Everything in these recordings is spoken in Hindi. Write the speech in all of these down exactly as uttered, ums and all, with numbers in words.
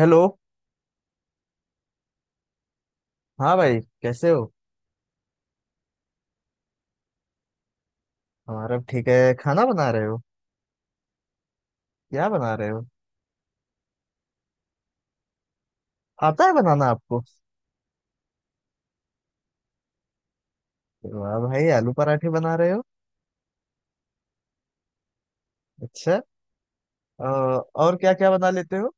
हेलो। हाँ भाई कैसे हो। हमारा भी ठीक है। खाना बना रहे हो? क्या बना रहे हो? आता है बनाना आपको? वाह भाई, आलू पराठे बना रहे हो। अच्छा। अ, और क्या क्या बना लेते हो?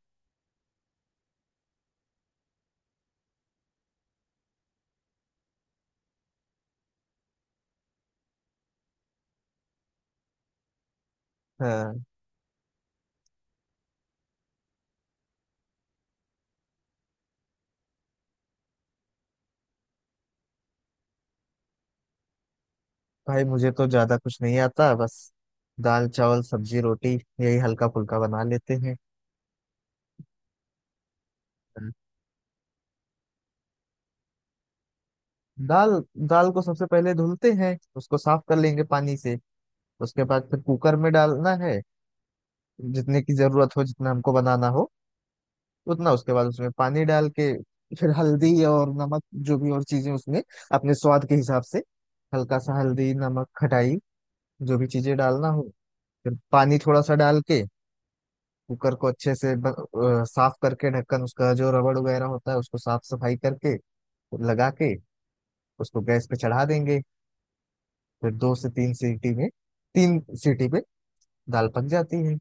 हाँ भाई, मुझे तो ज्यादा कुछ नहीं आता। बस दाल चावल सब्जी रोटी, यही हल्का फुल्का बना लेते हैं। दाल। दाल को सबसे पहले धुलते हैं, उसको साफ कर लेंगे पानी से। उसके बाद फिर कुकर में डालना है, जितने की जरूरत हो, जितना हमको बनाना हो उतना। उसके बाद उसमें पानी डाल के फिर हल्दी और नमक, जो भी और चीजें उसमें, अपने स्वाद के हिसाब से। हल्का सा हल्दी, नमक, खटाई, जो भी चीजें डालना हो। फिर पानी थोड़ा सा डाल के कुकर को अच्छे से ब, अ, साफ करके, ढक्कन उसका जो रबड़ वगैरह होता है उसको साफ सफाई करके लगा के, उसको गैस पे चढ़ा देंगे। फिर दो से तीन सीटी में, तीन सीटी पे दाल पक जाती है।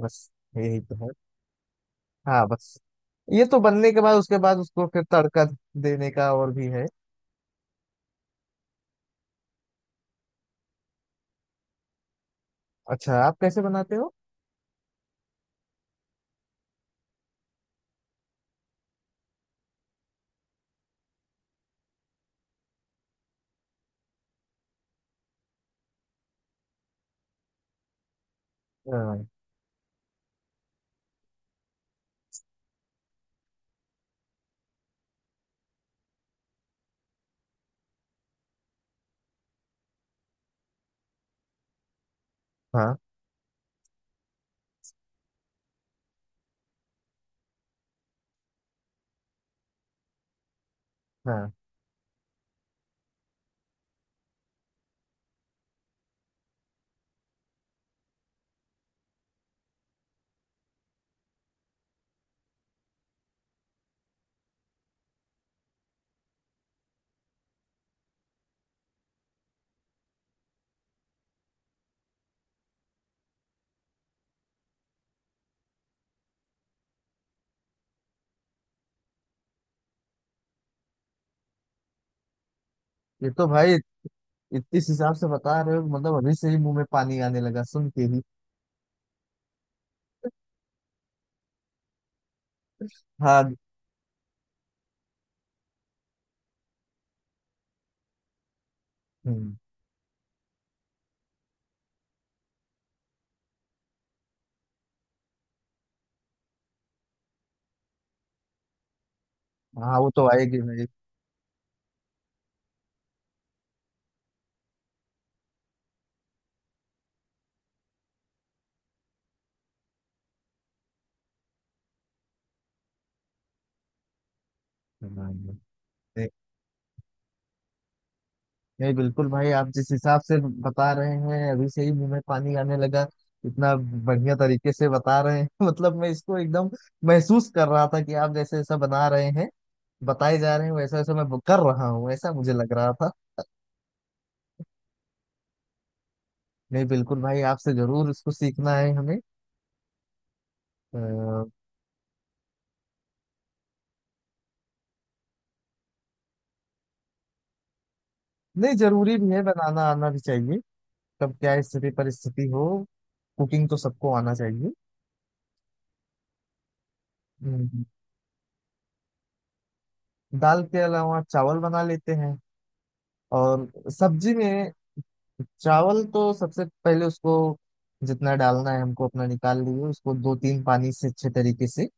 बस, यही तो है। हाँ बस। ये तो बनने के बाद, उसके बाद उसको फिर तड़का देने का और भी है। अच्छा, आप कैसे बनाते हो? हाँ, हाँ, हाँ। ये तो भाई इत- इस हिसाब से बता रहे हो, मतलब अभी से ही मुंह में पानी आने लगा सुन के ही। हाँ। हम्म। हाँ वो तो आएगी भाई। हाँ, नहीं। नहीं, बिल्कुल भाई, आप जिस हिसाब से बता रहे हैं, अभी से ही मुंह में पानी आने लगा। इतना बढ़िया तरीके से बता रहे हैं मतलब मैं इसको एकदम महसूस कर रहा था, कि आप जैसे ऐसा बना रहे हैं, बताए जा रहे हैं, वैसा वैसा मैं कर रहा हूँ, ऐसा मुझे लग रहा था। नहीं बिल्कुल भाई, आपसे जरूर इसको सीखना है हमें। अ, नहीं, जरूरी भी है, बनाना आना भी चाहिए। कब क्या स्थिति परिस्थिति हो, कुकिंग तो सबको आना चाहिए। हम्म। दाल के अलावा चावल बना लेते हैं और सब्जी में। चावल तो सबसे पहले उसको, जितना डालना है हमको, अपना निकाल लिए उसको, दो तीन पानी से अच्छे तरीके से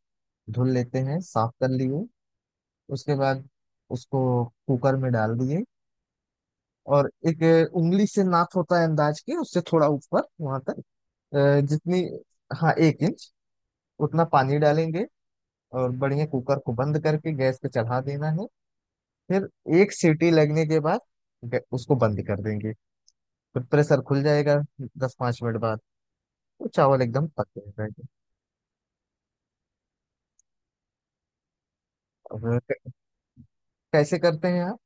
धुल लेते हैं, साफ कर लिए। उसके बाद उसको कुकर में डाल दिए और एक उंगली से नाप होता है अंदाज के, उससे थोड़ा ऊपर वहां तक, अ, जितनी, हाँ एक इंच, उतना पानी डालेंगे। और बढ़िया कुकर को बंद करके गैस पे चढ़ा देना है। फिर एक सीटी लगने के बाद ग- उसको बंद कर देंगे। फिर प्रेशर खुल जाएगा दस पाँच मिनट बाद, तो चावल एकदम पक गए रहेंगे। अब क- कैसे करते हैं आप?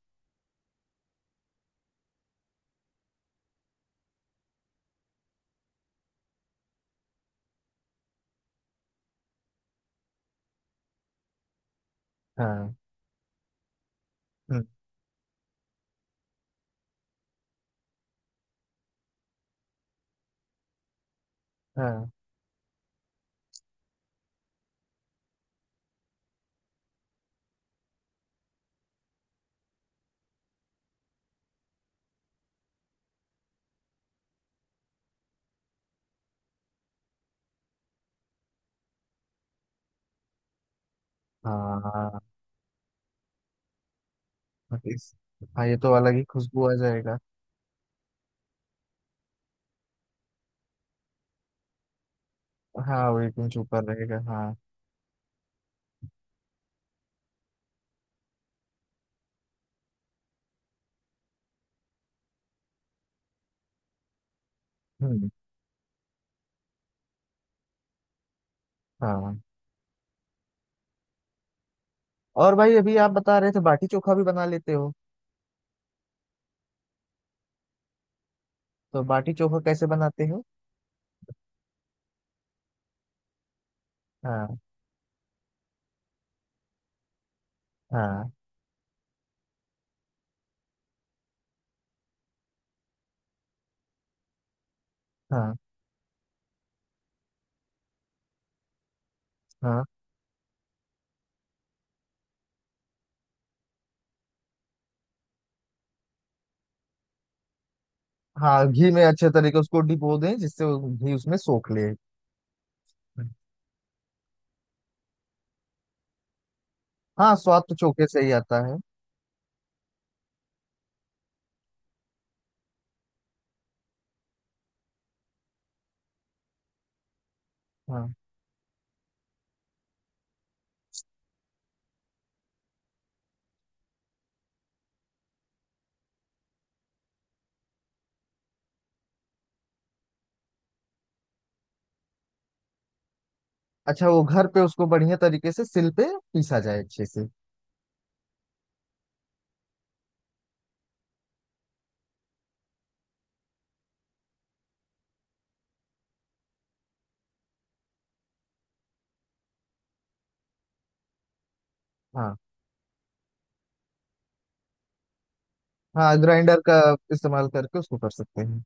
हाँ। हम्म। हाँ, हाँ। हाँ, इस, हाँ, ये तो अलग ही खुशबू आ जाएगा। हाँ वो एकदम ऊपर रहेगा, हाँ। हम्म। हाँ। और भाई, अभी आप बता रहे थे बाटी चोखा भी बना लेते हो। तो बाटी चोखा कैसे बनाते हो? हाँ। हाँ। हाँ। हाँ। हाँ, घी में अच्छे तरीके उसको डिपो दें, जिससे वो घी उसमें सोख ले। हाँ, स्वाद तो चोखे से ही आता है। हाँ। अच्छा, वो घर पे उसको बढ़िया तरीके से सिल पे पीसा जाए अच्छे से। हाँ, हाँ। ग्राइंडर का इस्तेमाल करके उसको कर सकते हैं।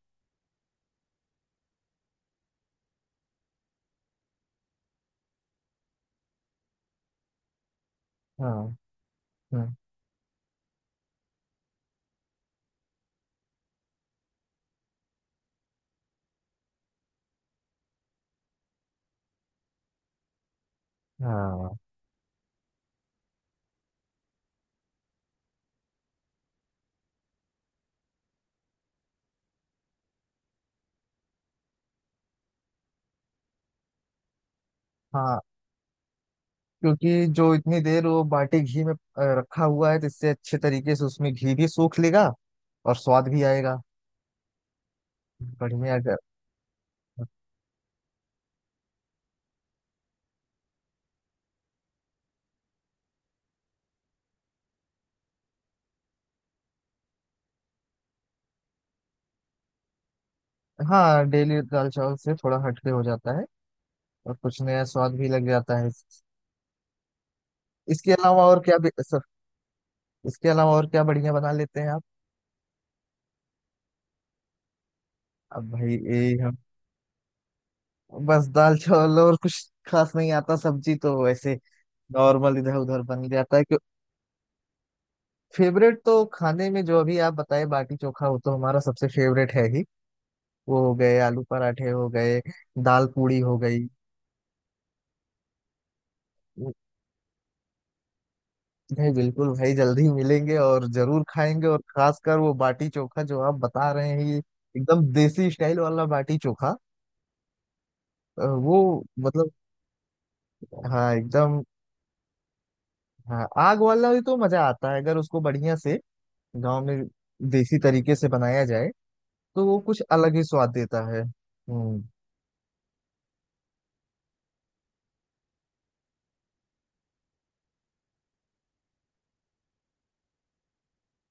हाँ। हाँ। हाँ। हाँ। क्योंकि जो इतनी देर वो बाटी घी में अ, रखा हुआ है, तो इससे अच्छे तरीके से उसमें घी भी सूख लेगा, और स्वाद भी आएगा। बढ़िया, अगर। हाँ, डेली दाल चावल से थोड़ा हटके हो जाता है और कुछ नया स्वाद भी लग जाता है। इसके अलावा और क्या बे- सर, इसके अलावा और क्या बढ़िया बना लेते हैं आप? अब भाई यही हम, बस दाल चावल। और कुछ खास नहीं आता, सब्जी तो वैसे नॉर्मल इधर उधर बन जाता है। क्यों? फेवरेट तो खाने में जो अभी आप बताए, बाटी चोखा, वो तो हमारा सबसे फेवरेट है ही। वो हो गए, आलू पराठे हो गए, दाल पूड़ी हो गई। भाई बिल्कुल भाई, जल्दी मिलेंगे और जरूर खाएंगे, और खासकर वो बाटी चोखा जो आप बता रहे हैं, ये एकदम देसी स्टाइल वाला बाटी चोखा। अ, वो मतलब, हाँ एकदम। हाँ, आग वाला भी तो मजा आता है, अगर उसको बढ़िया से गांव में देसी तरीके से बनाया जाए, तो वो कुछ अलग ही स्वाद देता है। हम्म।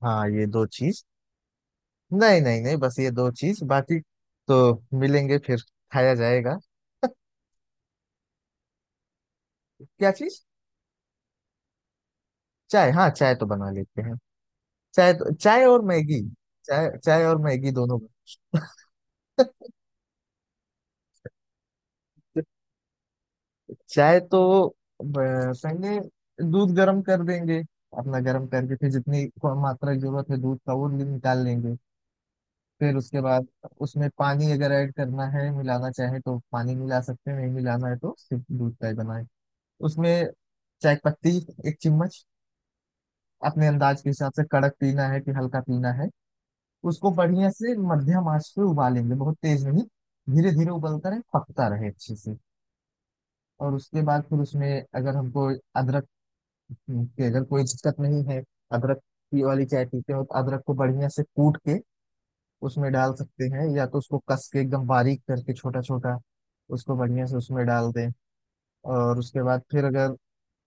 हाँ, ये दो चीज। नहीं नहीं नहीं, बस ये दो चीज बाकी, तो मिलेंगे फिर खाया जाएगा। क्या चीज? चाय? हाँ, चाय तो बना लेते हैं। चाय तो चाय और मैगी। चाय चाय और मैगी दोनों बन- चाय तो अ, पहले दूध गर्म कर देंगे अपना, गर्म करके फिर जितनी मात्रा की जरूरत है दूध का, वो निकाल लेंगे। फिर उसके बाद उसमें पानी, अगर ऐड करना है, मिलाना चाहे तो पानी मिला सकते हैं, नहीं मिलाना है तो सिर्फ दूध का ही बनाए। उसमें चाय पत्ती एक चम्मच, अपने अंदाज के हिसाब से, कड़क पीना है कि हल्का पीना है। उसको बढ़िया से मध्यम आंच पे उबालेंगे, बहुत तेज नहीं, धीरे धीरे उबलता रहे, पकता रहे अच्छे से। और उसके बाद फिर उसमें, अगर हमको अदरक, हम्म, की अगर कोई दिक्कत नहीं है, अदरक की वाली चाय पीते हो तो अदरक को बढ़िया से कूट के उसमें डाल सकते हैं, या तो उसको कस के एकदम बारीक करके, छोटा छोटा उसको बढ़िया से उसमें डाल दें। और उसके बाद फिर अगर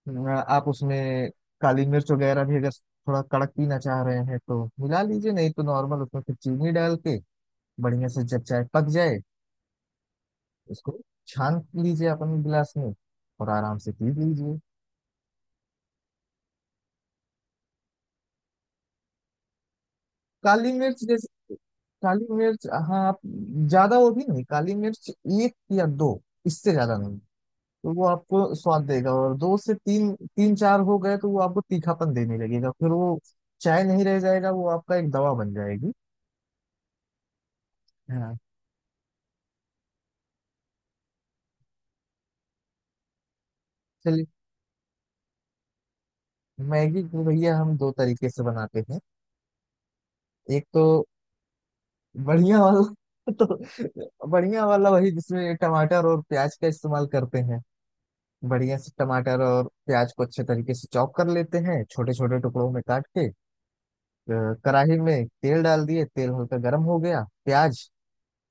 अ, आप उसमें काली मिर्च वगैरह भी, अगर थोड़ा कड़क पीना चाह रहे हैं तो मिला लीजिए, नहीं तो नॉर्मल उसमें फिर चीनी डाल के बढ़िया से जब चाय पक जाए, उसको छान लीजिए अपने गिलास में और आराम से पी लीजिए। काली मिर्च जैसे, काली मिर्च हाँ, आप ज्यादा वो भी नहीं काली मिर्च, एक या दो, इससे ज्यादा नहीं। तो वो आपको स्वाद देगा, और दो से तीन, तीन चार हो गए तो वो आपको तीखापन देने लगेगा, फिर वो चाय नहीं रह जाएगा, वो आपका एक दवा बन जाएगी। हाँ। चलिए, मैगी को भैया हम दो तरीके से बनाते हैं। एक तो बढ़िया वाला, तो बढ़िया वाला वही जिसमें टमाटर और प्याज का इस्तेमाल करते हैं। बढ़िया से टमाटर और प्याज को अच्छे तरीके से चॉप कर लेते हैं, छोटे छोटे टुकड़ों में काट के। अ, कढ़ाई में तेल डाल दिए, तेल हल्का गर्म हो गया, प्याज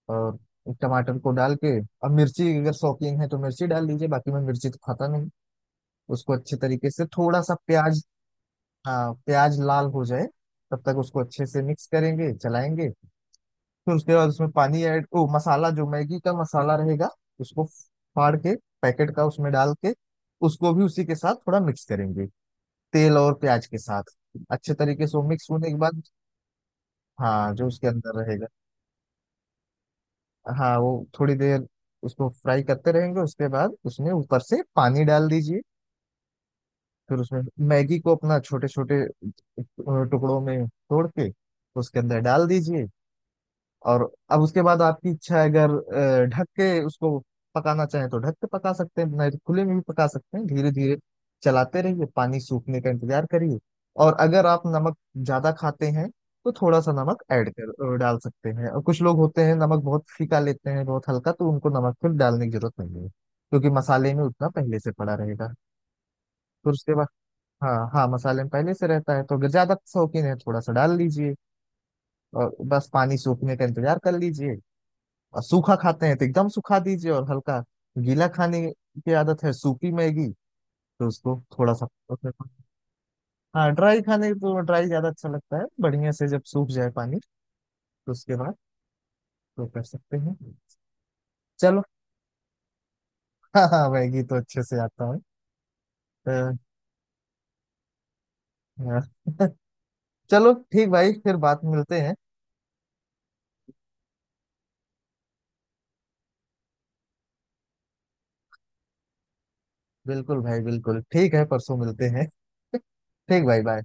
और टमाटर को डाल के। अब मिर्ची, अगर शौकीन है तो मिर्ची डाल लीजिए, बाकी मैं मिर्ची तो खाता नहीं। उसको अच्छे तरीके से थोड़ा सा प्याज, हाँ प्याज लाल हो जाए तब तक उसको अच्छे से मिक्स करेंगे, चलाएंगे। फिर उसके बाद उसमें पानी ऐड ओ मसाला, जो मैगी का मसाला रहेगा, उसको फाड़ के पैकेट का उसमें डाल के, उसको भी उसी के साथ थोड़ा मिक्स करेंगे, तेल और प्याज के साथ। अच्छे तरीके से वो मिक्स होने के बाद, हाँ जो उसके अंदर रहेगा, हाँ वो थोड़ी देर उसको फ्राई करते रहेंगे। उसके बाद उसमें ऊपर से पानी डाल दीजिए। फिर उसमें मैगी को अपना, छोटे छोटे टुकड़ों में तोड़ के उसके अंदर डाल दीजिए। और अब उसके बाद आपकी इच्छा है, अगर अ, ढक के उसको पकाना चाहें तो ढक के पका सकते हैं, नहीं तो खुले में भी पका सकते हैं। धीरे धीरे चलाते रहिए, पानी सूखने का इंतजार करिए। और अगर आप नमक ज्यादा खाते हैं, तो थोड़ा सा नमक ऐड कर अ, डाल सकते हैं, और कुछ लोग होते हैं नमक बहुत फीका लेते हैं, बहुत हल्का, तो उनको नमक फिर डालने की जरूरत नहीं है, क्योंकि मसाले में उतना पहले से पड़ा रहेगा। फिर उसके बाद, हाँ हाँ मसाले में पहले से रहता है, तो अगर ज्यादा शौकीन है थोड़ा सा डाल लीजिए। और बस पानी सूखने का इंतजार कर लीजिए। और सूखा खाते हैं तो एकदम सुखा दीजिए, और हल्का गीला खाने की आदत है सूखी मैगी, तो उसको थोड़ा सा उसमें पानी- हाँ, ड्राई खाने तो ड्राई ज्यादा अच्छा लगता है, बढ़िया से जब सूख जाए पानी, तो उसके बाद तो कर सकते हैं। चलो। हाँ हाँ, मैगी तो अच्छे से आता है। अ, अ, चलो ठीक भाई, फिर बात मिलते हैं। बिल्कुल भाई बिल्कुल, ठीक है परसों मिलते हैं। ठीक भाई, बाय।